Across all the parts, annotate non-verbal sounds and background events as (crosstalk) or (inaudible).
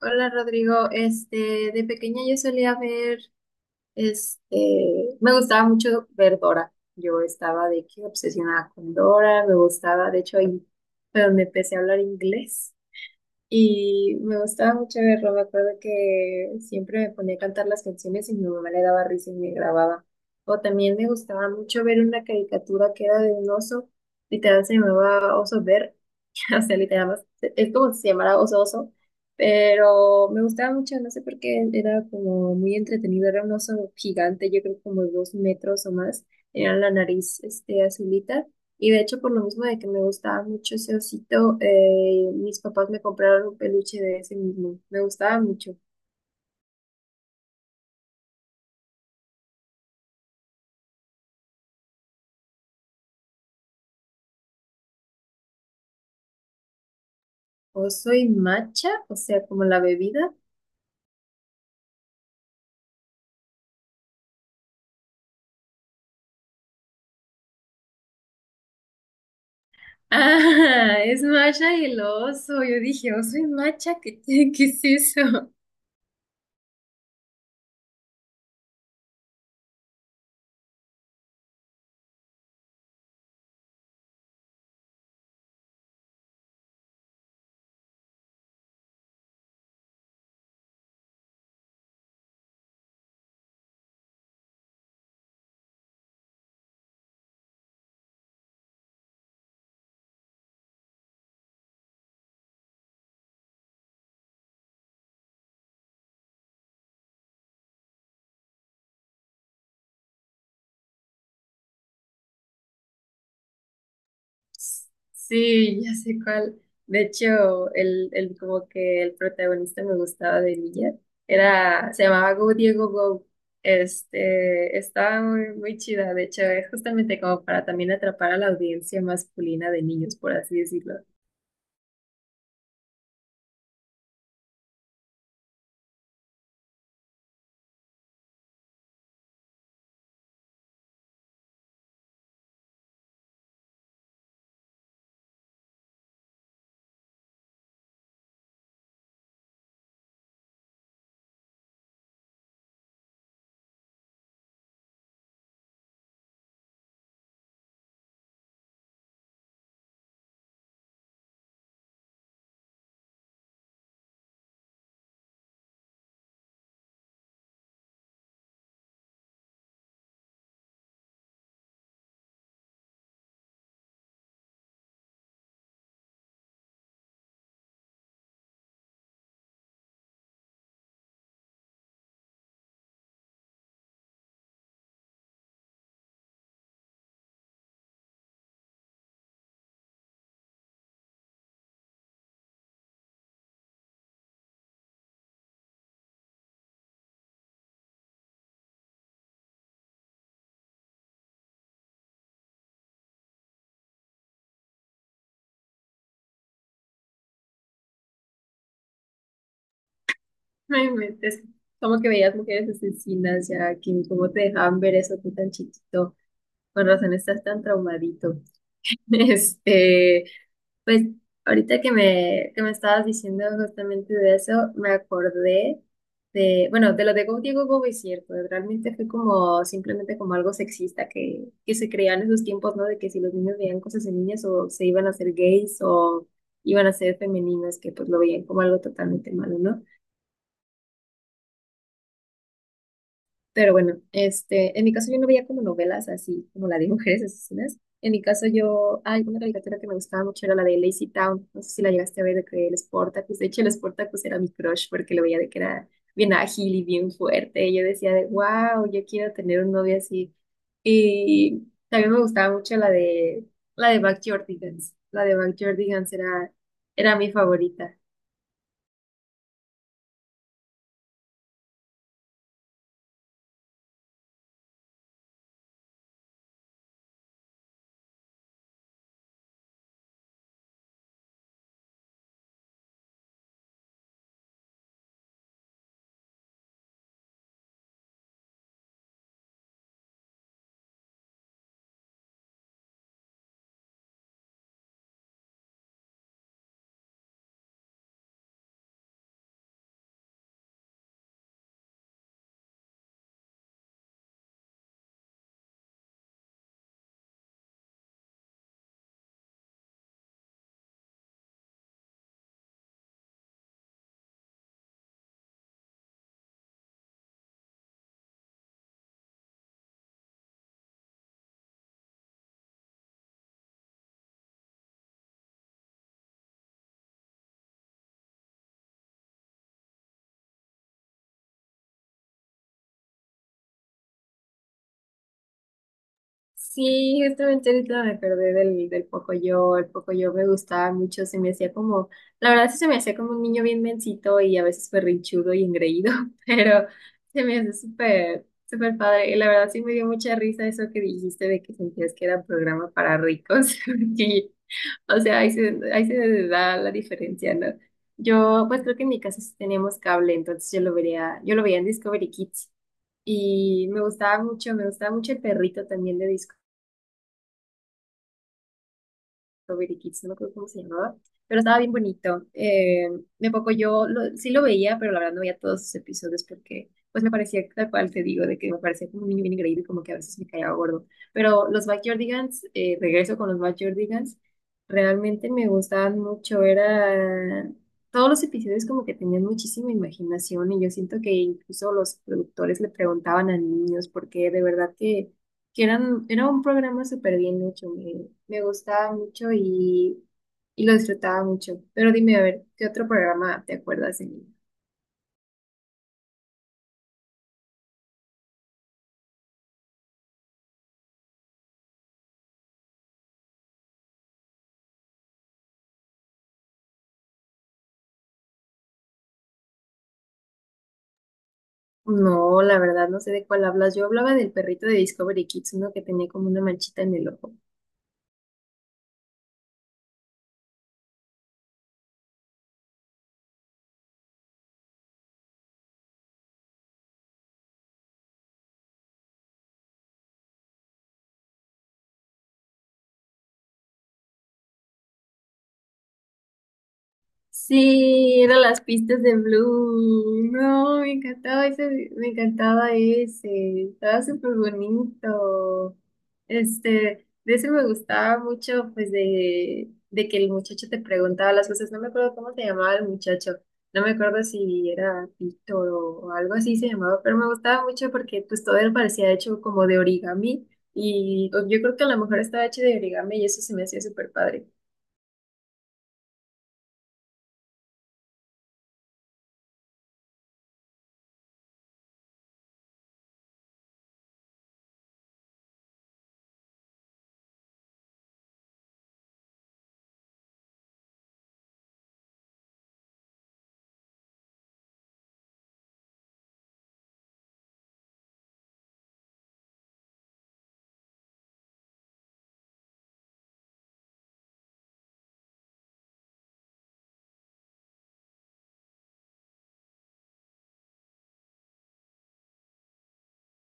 Hola Rodrigo, de pequeña yo solía me gustaba mucho ver Dora. Yo estaba de que obsesionada con Dora, me gustaba, de hecho ahí fue donde empecé a hablar inglés y me gustaba mucho verlo. Me acuerdo que siempre me ponía a cantar las canciones y mi mamá le daba risa y me grababa. O también me gustaba mucho ver una caricatura que era de un oso, literal se llamaba Oso Bear. (laughs) O sea, literal. Es como si se llamara oso oso, pero me gustaba mucho, no sé por qué, era como muy entretenido, era un oso gigante, yo creo como de 2 metros o más, era la nariz azulita, y de hecho por lo mismo de que me gustaba mucho ese osito, mis papás me compraron un peluche de ese mismo, me gustaba mucho. Oso y macha, o sea, como la bebida. (laughs) Ah, es macha y el oso, yo dije, oso y macha, (laughs) ¿qué es eso? Sí, ya sé cuál. De hecho, el como que el protagonista me gustaba de niña. Se llamaba Go Diego Go. Estaba muy chida. De hecho, es justamente como para también atrapar a la audiencia masculina de niños, por así decirlo. No inventes, como que veías mujeres asesinas ya, que cómo te dejaban ver eso tú tan chiquito. Con razón estás tan traumadito. (laughs) Este, pues ahorita que me estabas diciendo justamente de eso, me acordé de, bueno, de lo de Go Diego Go es cierto, realmente fue como simplemente como algo sexista que se creía en esos tiempos, ¿no? De que si los niños veían cosas en niñas o se iban a ser gays o iban a ser femeninas, que pues lo veían como algo totalmente malo, ¿no? Pero bueno, en mi caso yo no veía como novelas así como la de mujeres asesinas. En mi caso yo, hay una caricatura que me gustaba mucho era la de Lazy Town. No sé si la llegaste a ver de que el Spartacus. De hecho, el Spartacus era mi crush porque lo veía de que era bien ágil y bien fuerte. Y yo decía de, wow, yo quiero tener un novio así. Y también me gustaba mucho la de Backyardigans. La de Backyardigans era mi favorita. Sí, justamente ahorita me acordé del Pocoyo. El Pocoyo me gustaba mucho, se me hacía, la verdad sí se me hacía como un niño bien mencito y a veces berrinchudo y engreído, (laughs) pero se me hace súper padre. Y la verdad sí me dio mucha risa eso que dijiste de que sentías que era un programa para ricos, (laughs) porque, o sea, ahí se da la diferencia, ¿no? Yo, pues creo que en mi casa sí teníamos cable, entonces yo lo vería, yo lo veía en Discovery Kids. Y me gustaba mucho el perrito también de Strawberry Kids, no me acuerdo cómo se llamaba, pero estaba bien bonito. De poco yo sí lo veía, pero la verdad no veía todos sus episodios porque pues me parecía tal cual te digo, de que me parecía como un niño bien increíble, y como que a veces me caía gordo. Pero los Backyardigans, regreso con los Backyardigans, realmente me gustaban mucho, era... Todos los episodios como que tenían muchísima imaginación y yo siento que incluso los productores le preguntaban a niños porque de verdad que eran, era un programa súper bien hecho, me gustaba mucho y lo disfrutaba mucho. Pero dime, a ver, ¿qué otro programa te acuerdas? En- No, la verdad, no sé de cuál hablas. Yo hablaba del perrito de Discovery Kids, uno que tenía como una manchita en el ojo. Sí, eran las pistas de Blue. No, me encantaba ese, me encantaba ese. Estaba súper bonito. De ese me gustaba mucho, pues, de que el muchacho te preguntaba las cosas. No me acuerdo cómo se llamaba el muchacho. No me acuerdo si era Víctor o algo así se llamaba, pero me gustaba mucho porque pues todo él parecía hecho como de origami. Y pues, yo creo que a lo mejor estaba hecho de origami y eso se me hacía súper padre.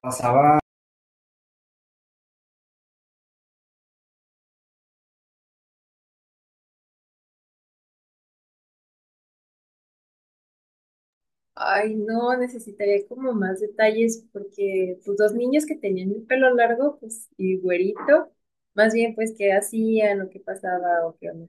Pasaba. Ay, no, necesitaría como más detalles porque pues dos niños que tenían el pelo largo, pues y güerito, más bien pues qué hacían o qué pasaba o qué onda.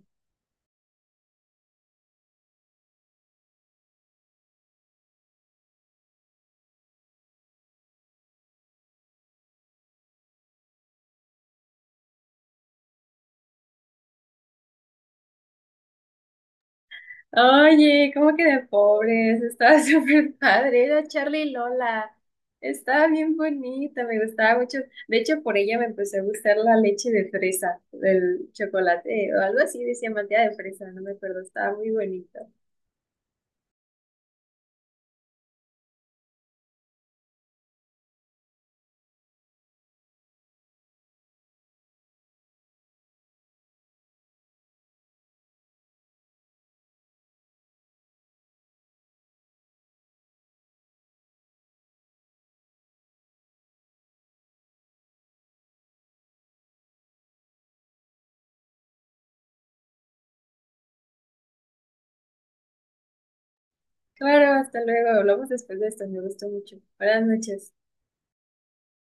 Oye, ¿cómo que de pobres? Estaba (laughs) súper padre, era Charlie y Lola. Estaba bien bonita, me gustaba mucho. De hecho, por ella me empezó a gustar la leche de fresa, del chocolate o algo así, decía manteca de fresa, no me acuerdo, estaba muy bonito. Claro, hasta luego, hablamos después de esto, me gustó mucho. Buenas noches.